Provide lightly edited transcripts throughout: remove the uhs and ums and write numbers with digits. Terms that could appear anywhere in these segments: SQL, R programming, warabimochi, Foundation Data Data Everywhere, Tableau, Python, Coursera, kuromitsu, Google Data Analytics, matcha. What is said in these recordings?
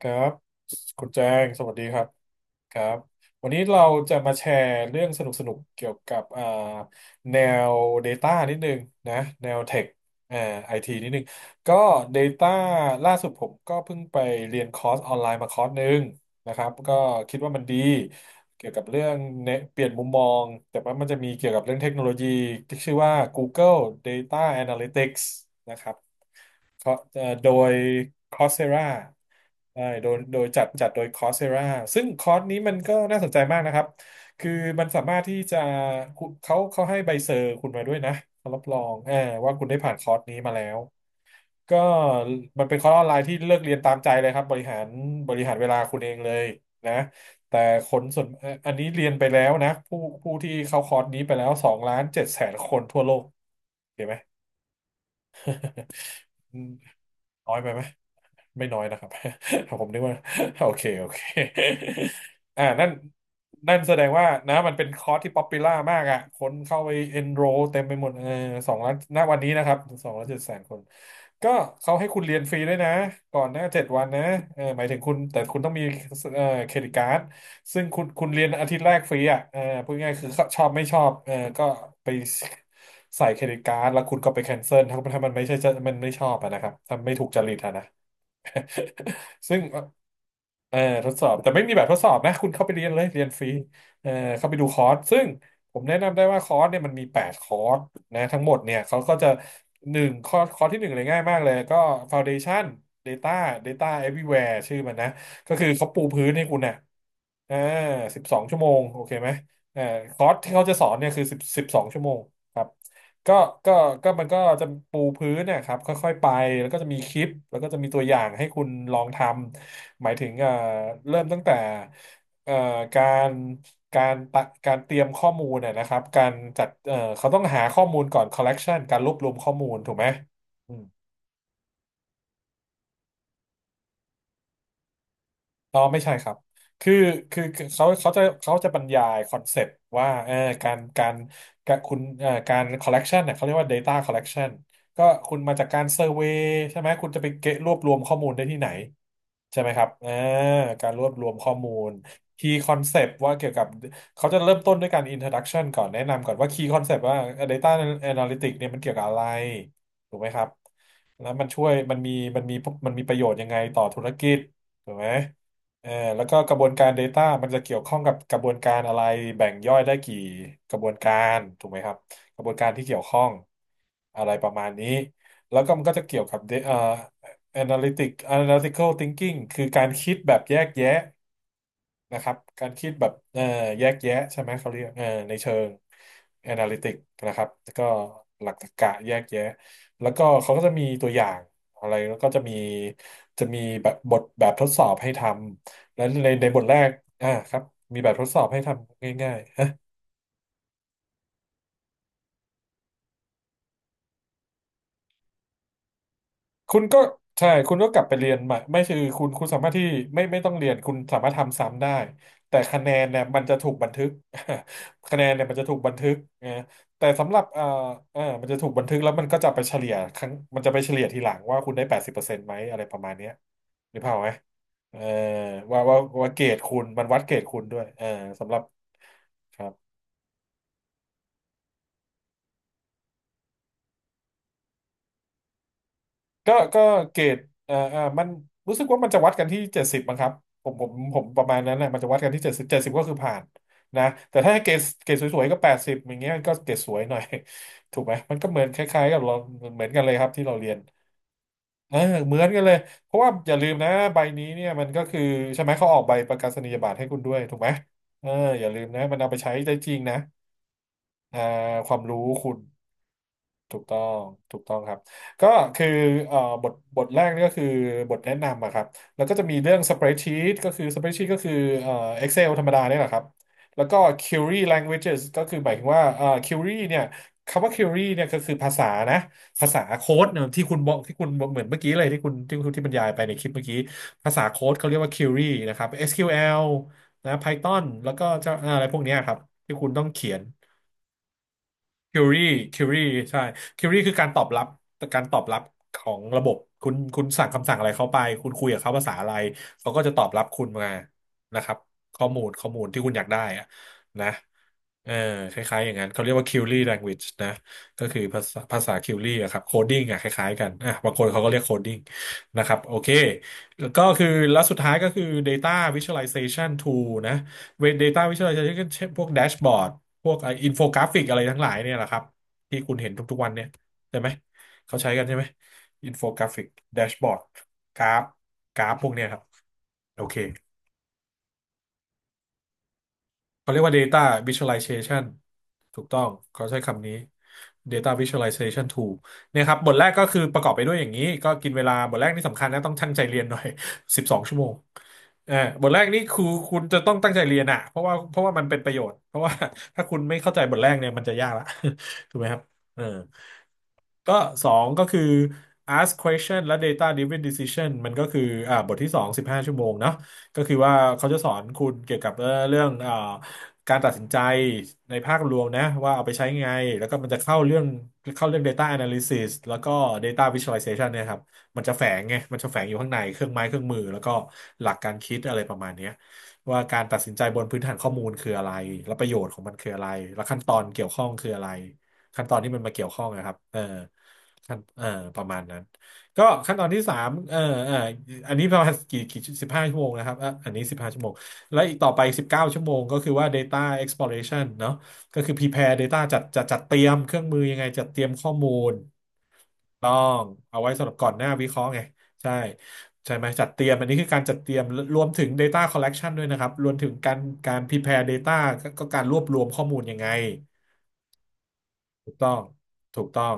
ครับคุณแจงสวัสดีครับครับวันนี้เราจะมาแชร์เรื่องสนุกๆเกี่ยวกับแนว Data นิดนึงนะแนวเทคเอ่อไอทีนิดนึงก็ Data ล่าสุดผมก็เพิ่งไปเรียนคอร์สออนไลน์มาคอร์สหนึ่งนะครับก็คิดว่ามันดีเกี่ยวกับเรื่องเนี่ยเปลี่ยนมุมมองแต่ว่ามันจะมีเกี่ยวกับเรื่องเทคโนโลยีที่ชื่อว่า Google Data Analytics นะครับ ขอโดย Coursera ใช่โดยจัดโดย Coursera ซึ่งคอร์สนี้มันก็น่าสนใจมากนะครับ คือมันสามารถที่จะคุณเขาให้ใบเซอร์คุณมาด้วยนะเขารับรองว่าคุณได้ผ่านคอร์สนี้มาแล้ว ก็มันเป็นคอร์สออนไลน์ที่เลือกเรียนตามใจเลยครับบริหารเวลาคุณเองเลยนะแต่คนส่วนอันนี้เรียนไปแล้วนะ ผู้ที่เข้าคอร์สนี้ไปแล้วสองล้านเจ็ดแสนคนทั่วโลกเห็นไหมอืมน้อยไปไหม ไม่น้อยนะครับ ผมนึกว่า โอเคโอเค อ่านั่นแสดงว่านะมันเป็นคอร์สที่ป๊อปปูล่ามากอ่ะคนเข้าไปเอนโรเต็มไปหมดเออ2,000,000 ณวันนี้นะครับสองล้านเจ็ดแสนคน ก็เขาให้คุณเรียนฟรีด้วยนะ ก่อนหน้า7 วันนะเออหมายถึงคุณ แต่คุณต้องมีเออเครดิตการ์ดซึ่งคุณเรียนอาทิตย์แรกฟรีอ่ะเออพูดง่ายๆคือชอบไม่ชอบเออก็ไปใส่เครดิตการ์ดแล้วคุณก็ไปแคนเซิลถ้ามันไม่ใช่จะมันไม่ชอบอะนะครับถ้าไม่ถูกจริตอะนะ ซึ่งเออทดสอบแต่ไม่มีแบบทดสอบนะคุณเข้าไปเรียนเลยเรียนฟรีเออเข้าไปดูคอร์สซึ่งผมแนะนำได้ว่าคอร์สเนี่ยมันมี8 คอร์สนะทั้งหมดเนี่ยเขาก็จะหนึ่งคอร์สคอร์สที่หนึ่งเลยง่ายมากเลยก็ Foundation Data Data Everywhere ชื่อมันนะก็คือเขาปูพื้นให้คุณนะอ่าสิบสองชั่วโมงโอเคไหมเออคอร์สที่เขาจะสอนเนี่ยคือสิบสองชั่วโมงครับ ก็ก็มันก็จะปูพื้นนะครับค่อยๆไปแล้วก็จะมีคลิปแล้วก็จะมีตัวอย่างให้คุณลองทำหมายถึงเริ่มตั้งแต่เอ่อการการตะการเตรียมข้อมูลนะครับการจัดเขาต้องหาข้อมูลก่อน collection การรวบรวมข้อมูลถูกไหม อ๋อไม่ใช่ครับคือคือเขาจะเขาจะบรรยายคอนเซปต์ว่าเออการคุณการ collection เนี่ยเขาเรียกว่า data collection ก็คุณมาจากการเซอร์เวย์ใช่ไหมคุณจะไปเก็บรวบรวมข้อมูลได้ที่ไหนใช่ไหมครับเออการรวบรวมข้อมูล key concept ว่าเกี่ยวกับเขาจะเริ่มต้นด้วยการ introduction ก่อนแนะนำก่อนว่า key concept ว่า data analytics เนี่ยมันเกี่ยวกับอะไรถูกไหมครับแล้วมันช่วยมันมีมันมีประโยชน์ยังไงต่อธุรกิจถูกไหม เออแล้วก็กระบวนการ Data มันจะเกี่ยวข้องกับกระบวนการอะไรแบ่งย่อยได้กี่กระบวนการถูกไหมครับกระบวนการที่เกี่ยวข้องอะไรประมาณนี้แล้วก็มันก็จะเกี่ยวกับ analytic analytical thinking คือการคิดแบบแยกแยะ นะครับการคิดแบบแยกแยะใช่ไหมเขาเรียกในเชิงแอนาลิติกนะครับแล้วก็หลักตรรกะแยกแยะแล้วก็เขาก็จะมีตัวอย่างอะไรแล้วก็จะมีแบบแบบทดสอบให้ทำแล้วในบทแรกอ่าครับมีแบบทดสอบให้ทำง่าย คุณก็ใช่คุณก็กลับไปเรียนใหม่ไม่คือคุณสามารถที่ไม่ต้องเรียนคุณสามารถทำซ้ำได้แต่คะแนนเนี่ยมันจะถูกบันทึก คะแนนเนี่ยมันจะถูกบันทึกนะแต่สำหรับมันจะถูกบันทึกแล้วมันก็จะไปเฉลี่ยครั้งมันจะไปเฉลี่ยทีหลังว่าคุณได้80%ไหมอะไรประมาณเนี้ยหรือเปล่าพออกไหมเออว่าว่าเกรดคุณมันวัดเกรดคุณด้วยเออสำหรับครับ ก็เกรดมันรู้สึกว่ามันจะวัดกันที่เจ็ดสิบมั้งครับผมประมาณนั้นนะมันจะวัดกันที่เจ็ดสิบก็คือผ่านนะแต่ถ้าเกรดสวยๆก็แปดสิบอย่างเงี้ยมันก็เกรดสวยหน่อย ถูกไหมมันก็เหมือนคล้ายๆกับเราเหมือนกันเลยครับที่เราเรียนเออเหมือนกันเลยเพราะว่าอย่าลืมนะใบนี้เนี่ยมันก็คือใช่ไหมเขาออกใบประกาศนียบัตรให้คุณด้วยถูกไหมเอออย่าลืมนะมันเอาไปใช้ได้จริงนะอ่าความรู้คุณ ถูกต้อง ถูกต้องครับก็คือบทแรกนี่ก็คือบทแนะนำอะครับ แล้วก็จะมีเรื่อง spreadsheet ก็คือ spreadsheet ก็คือเอ่อ Excel ธรรมดาเนี่ยแหละครับ แล้วก็ query languages ก็คือหมายถึงว่าquery เนี่ยคำว่า query เนี่ยก็คือภาษานะภาษาโค้ดเนี่ยที่คุณบอกที่คุณเหมือนเมื่อกี้เลยที่คุณที่บรรยายไปในคลิปเมื่อกี้ ภาษาโค้ดเขาเรียกว่า query นะครับ SQL นะ Python แล้วก็จะอะไรพวกเนี้ยครับที่คุณต้องเขียน คิวรี่คิวรี่ใช่คิวรี่คือการตอบรับการตอบรับของระบบคุณสั่งคำสั่งอะไรเข้าไปคุณคุยกับเขาภาษาอะไรเขาก็จะตอบรับคุณมานะครับข้อมูลข้อมูลที่คุณอยากได้อะนะเออคล้ายๆอย่างนั้นเขาเรียกว่า Query language นะก็คือภาษาภาษาคิวรี่อะครับโคดิ้งอะคล้ายๆกันอ่ะบางคนเขาก็เรียกโคดิ้งนะครับโอเคแล้วก็คือแล้วสุดท้ายก็คือ Data Visualization Tool นะ Data Visualization เช่นพวกแดชบอร์ด พวกไอ้อินโฟกราฟิกอะไรทั้งหลายเนี่ยแหละครับที่คุณเห็นทุกๆวันเนี่ยใช่ไหมเขาใช้กันใช่ไหมอินโฟกราฟิกแดชบอร์ดกราฟกราฟพวกเนี้ยครับโอเค เขาเรียกว่า data visualization ถูกต้องเขาใช้คำนี้ data visualization tool เนี่ยครับบทแรกก็คือประกอบไปด้วยอย่างนี้ก็กินเวลาบทแรกนี่สำคัญนะต้องตั้งใจเรียนหน่อย สิบสองชั่วโมงเออบทแรกนี่คือคุณจะต้องตั้งใจเรียนอ่ะเพราะว่ามันเป็นประโยชน์เพราะว่า ถ้าคุณไม่เข้าใจบทแรกเนี่ยมันจะยากละ ถูกไหมครับเออก็สองก็คือ ask question และ data driven decision มันก็คืออ่าบทที่สองสิบห้าชั่วโมงเนาะก็คือว่าเขาจะสอนคุณเกี่ยวกับเรื่อง การตัดสินใจในภาครวมนะว่าเอาไปใช้ไงแล้วก็มันจะเข้าเรื่องเข้าเรื่อง Data Analysis แล้วก็ Data Visualization เนี่ยครับมันจะแฝงไงมันจะแฝงอยู่ข้างในเครื่องไม้เครื่องมือแล้วก็หลักการคิดอะไรประมาณเนี้ยว่าการตัดสินใจบนพื้นฐานข้อมูลคืออะไรและประโยชน์ของมันคืออะไรและขั้นตอนเกี่ยวข้องคืออะไรขั้นตอนที่มันมาเกี่ยวข้องนะครับเออขั้นเออประมาณนั้นก็ขั้นตอนที่สามเออเอออันนี้ประมาณกี่สิบห้าชั่วโมงนะครับอ่ะอันนี้สิบห้าชั่วโมง และอีกต่อไป19ชั่วโมงก็คือว่า data exploration เนอะก็คือ prepare data จัดเตรียมเครื่องมือยังไงจัดเตรียมข้อมูลต้องเอาไว้สำหรับก่อนหน้าวิเคราะห์ไงใช่ใช่ไหมจัดเตรียมอันนี้คือการจัดเตรียมรวมถึง data collection ด้วยนะครับรวมถึงการ prepare data ก็การรวบรวมข้อมูลยังไง ถูกต้องถูกต้อง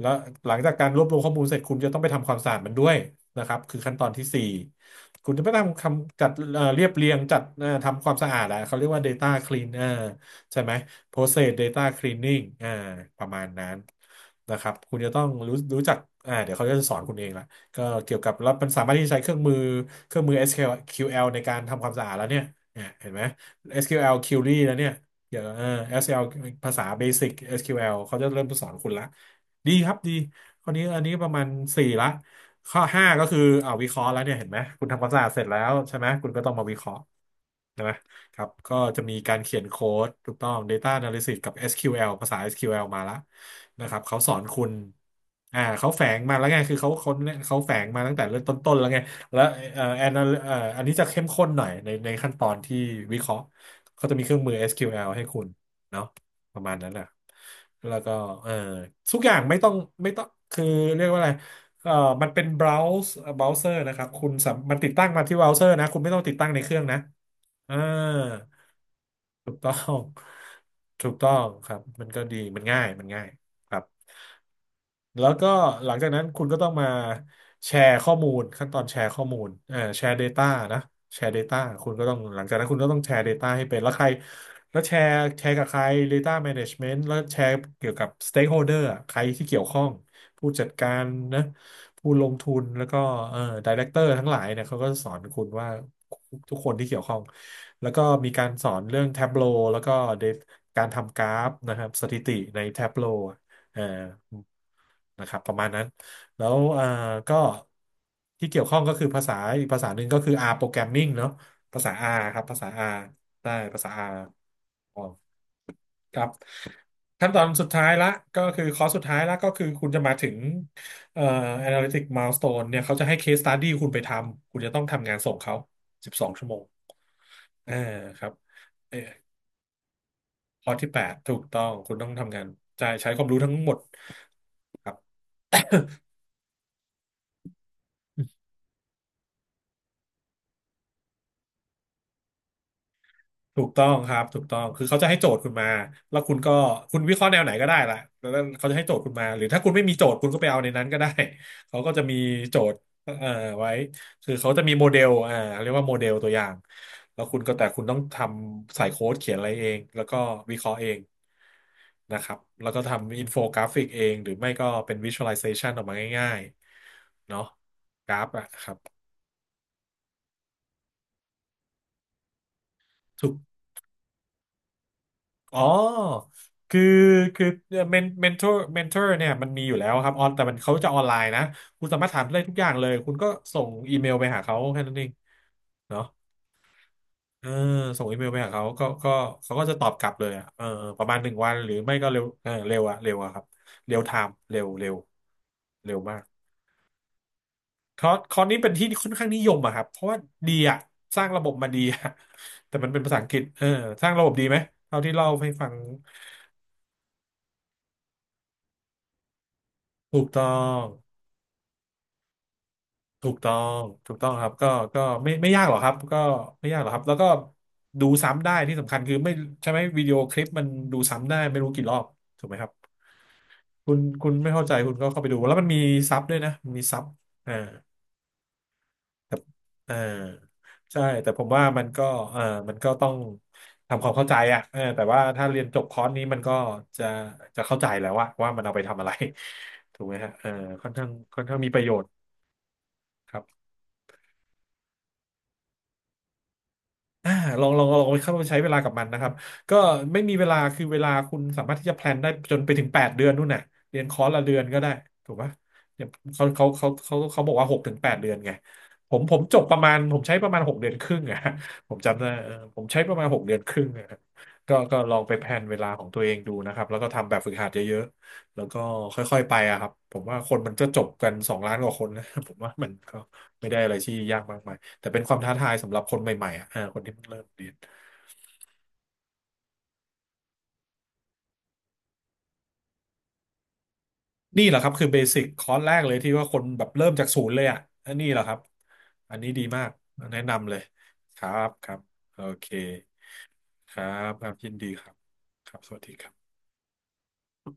แล้วหลังจากการรวบรวมข้อมูลเสร็จคุณจะต้องไปทำความสะอาดมันด้วยนะครับคือขั้นตอนที่สี่คุณจะไปทำคำจัดเรียบเรียงจัดทำความสะอาดอะเขาเรียกว่า Data Clean เออใช่ไหม Process Data Cleaning อ่าประมาณนั้นนะครับคุณจะต้องรู้จักอ่าเดี๋ยวเขาจะสอนคุณเองละก็เกี่ยวกับแล้วมันสามารถที่จะใช้เครื่องมือเครื่องมือ SQL ในการทำความสะอาดแล้วเนี่ยเนี่ยเห็นไหม SQL Query แล้วเนี่ย เดี๋ยวเออ s l ภาษาเบสิก SQL เขาจะเริ่มสอนคุณละดีครับดีคนนี้อันนี้ประมาณสี่ละข้อห้าก็คืออ่าวิเคราะห์แล้วเนี่ยเห็นไหมคุณทำความสะอาดเสร็จแล้วใช่ไหมคุณก็ต้องมาวิเคราะห์ใช่ไหมครับก็จะมีการเขียนโค้ดถูกต้อง Data Analysis กับ SQL ภาษา SQL มาละนะครับเขาสอนคุณเขาแฝงมาแล้วไงคือเขาเขาแฝงมาตั้งแต่เริ่มต้นๆแล้วไงแล้วแอนอันนี้จะเข้มข้นหน่อยในขั้นตอนที่วิเคราะห์ เขาจะมีเครื่องมือ SQL ให้คุณเนาะประมาณนั้นแหละแล้วก็เออทุกอย่างไม่ต้องไม่ต้องคือเรียกว่าอะไรเออมันเป็น browser นะครับคุณสามมันติดตั้งมาที่ browser นะคุณไม่ต้องติดตั้งในเครื่องนะอ่าถูกต้องถูกต้องครับมันก็ดีมันง่ายครับ แล้วก็หลังจากนั้นคุณก็ต้องมาแชร์ข้อมูลขั้นตอนแชร์ข้อมูลแชร์ Data นะแชร์ Data คุณก็ต้องหลังจากนั้นคุณก็ต้องแชร์ Data ให้เป็นแล้วใครแล้วแชร์แชร์กับใคร Data Management แล้วแชร์เกี่ยวกับ Stakeholder อะใครที่เกี่ยวข้องผู้จัดการนะผู้ลงทุนแล้วก็เอ่อ Director ทั้งหลายเนี่ยเขาก็สอนคุณว่าทุกคนที่เกี่ยวข้องแล้วก็มีการสอนเรื่อง Tableau แล้วก็ Dat- การทำกราฟนะครับสถิติใน Tableau เอ่อนะครับประมาณนั้นแล้วก็ที่เกี่ยวข้องก็คือภาษาอีกภาษาหนึ่งก็คือ R programming เนาะภาษา R ครับภาษา R ได้ภาษา R อ๋อครับขั้นตอนสุดท้ายละก็คือคอร์สสุดท้ายละก็คือคุณจะมาถึงเอ่อ analytic milestone เนี่ยเขาจะให้ case study คุณไปทำคุณจะต้องทำงานส่งเขา12 ชั่วโมงชั่วโมงเออครับเออข้อที่ข้อที่ 8ถูกต้องคุณต้องทำงานใช่ใช้ความรู้ทั้งหมดครับ ถูกต้องครับถูกต้องคือเขาจะให้โจทย์คุณมาแล้วคุณก็คุณวิเคราะห์แนวไหนก็ได้ละแล้วเขาจะให้โจทย์คุณมาหรือถ้าคุณไม่มีโจทย์คุณก็ไปเอาในนั้นก็ได้ เขาก็จะมีโจทย์ไว้คือเขาจะมีโมเดลเรียกว่าโมเดลตัวอย่างแล้วคุณก็แต่คุณต้องทำใส่โค้ดเขียนอะไรเองแล้วก็วิเคราะห์เองนะครับแล้วก็ทำอินโฟกราฟิกเองหรือไม่ก็เป็นวิชวลไลเซชันออกมาง่ายๆเนาะกราฟอะครับ อ๋อคือคือเมนเทอร์เนี่ยมันมีอยู่แล้วครับออนแต่มันเขาจะออนไลน์นะคุณสามารถถามได้ทุกอย่างเลยคุณก็ส่งอีเมลไปหาเขาแค่นั้นเองเนาะเออส่งอีเมลไปหาเขาก็ก็เขาก็จะตอบกลับเลยอะประมาณหนึ่งวันหรือไม่ก็เร็วเร็วอะเร็วอะครับเร็วไทม์เร็วเร็วเร็วมากคอร์สนี้เป็นที่ค่อนข้างนิยมอะครับเพราะว่าดีอะสร้างระบบมาดีอะแต่มันเป็นภาษาอังกฤษสร้างระบบดีไหมเท่าที่เล่าให้ฟังถูกต้อง ถูกต้องถูกต้องครับก็ก็ไม่ยากหรอกครับก็ไม่ยากหรอกครับแล้วก็ดูซ้ำได้ที่สำคัญคือไม่ใช่ไหมวิดีโอคลิปมันดูซ้ำได้ไม่รู้กี่รอบถูกไหมครับคุณคุณไม่เข้าใจคุณก็เข้าไปดูแล้วมันมีซับด้วยนะมันมีซับอ่าแต่เออใช่แต่ผมว่ามันก็เออมันก็ต้องทำความเข้าใจอ่ะเออแต่ว่าถ้าเรียนจบคอร์สนี้มันก็จะจะเข้าใจแล้วว่าว่ามันเอาไปทำอะไร ถูกไหมฮะค่อนข้างค่อนข้างมีประโยชน์ครับ อ่าลองลองไปเข้าใช้เวลากับมันนะครับก็ไม่มีเวลาคือเวลาคุณสามารถที่จะแพลนได้จนไปถึงแปดเดือนนู่นน่ะเรียนคอร์สละเดือนก็ได้ถูกปะเนี่ยเขาบอกว่าหกถึงแปดเดือนไงผมจบประมาณผมใช้ประมาณหกเดือนครึ่งอะ ผมจำได้ผมใช้ประมาณหกเดือนครึ่งอะก็ก็ลองไปแพลนเวลาของตัวเองดูนะครับแล้วก็ทำแบบฝึกหัดเยอะๆแล้วก็ค่อยๆไปอะครับผมว่าคนมันจะจบกันสองล้านกว่าคนนะ ผมว่ามันก็ไม่ได้อะไรที่ยากมากมาย แต่เป็นความท้าทายสำหรับคนใหม่ๆอ่ะคนที่เพิ่งเริ่มเรียนนี่แหละครับคือเบสิกคอร์สแรกเลยที่ว่าคนแบบเริ่มจากศูนย์เลยอ่ะอันนี้แหละครับอันนี้ดีมากแนะนำเลยครับครับโอเคครับยินดีครับสวัสดีครับ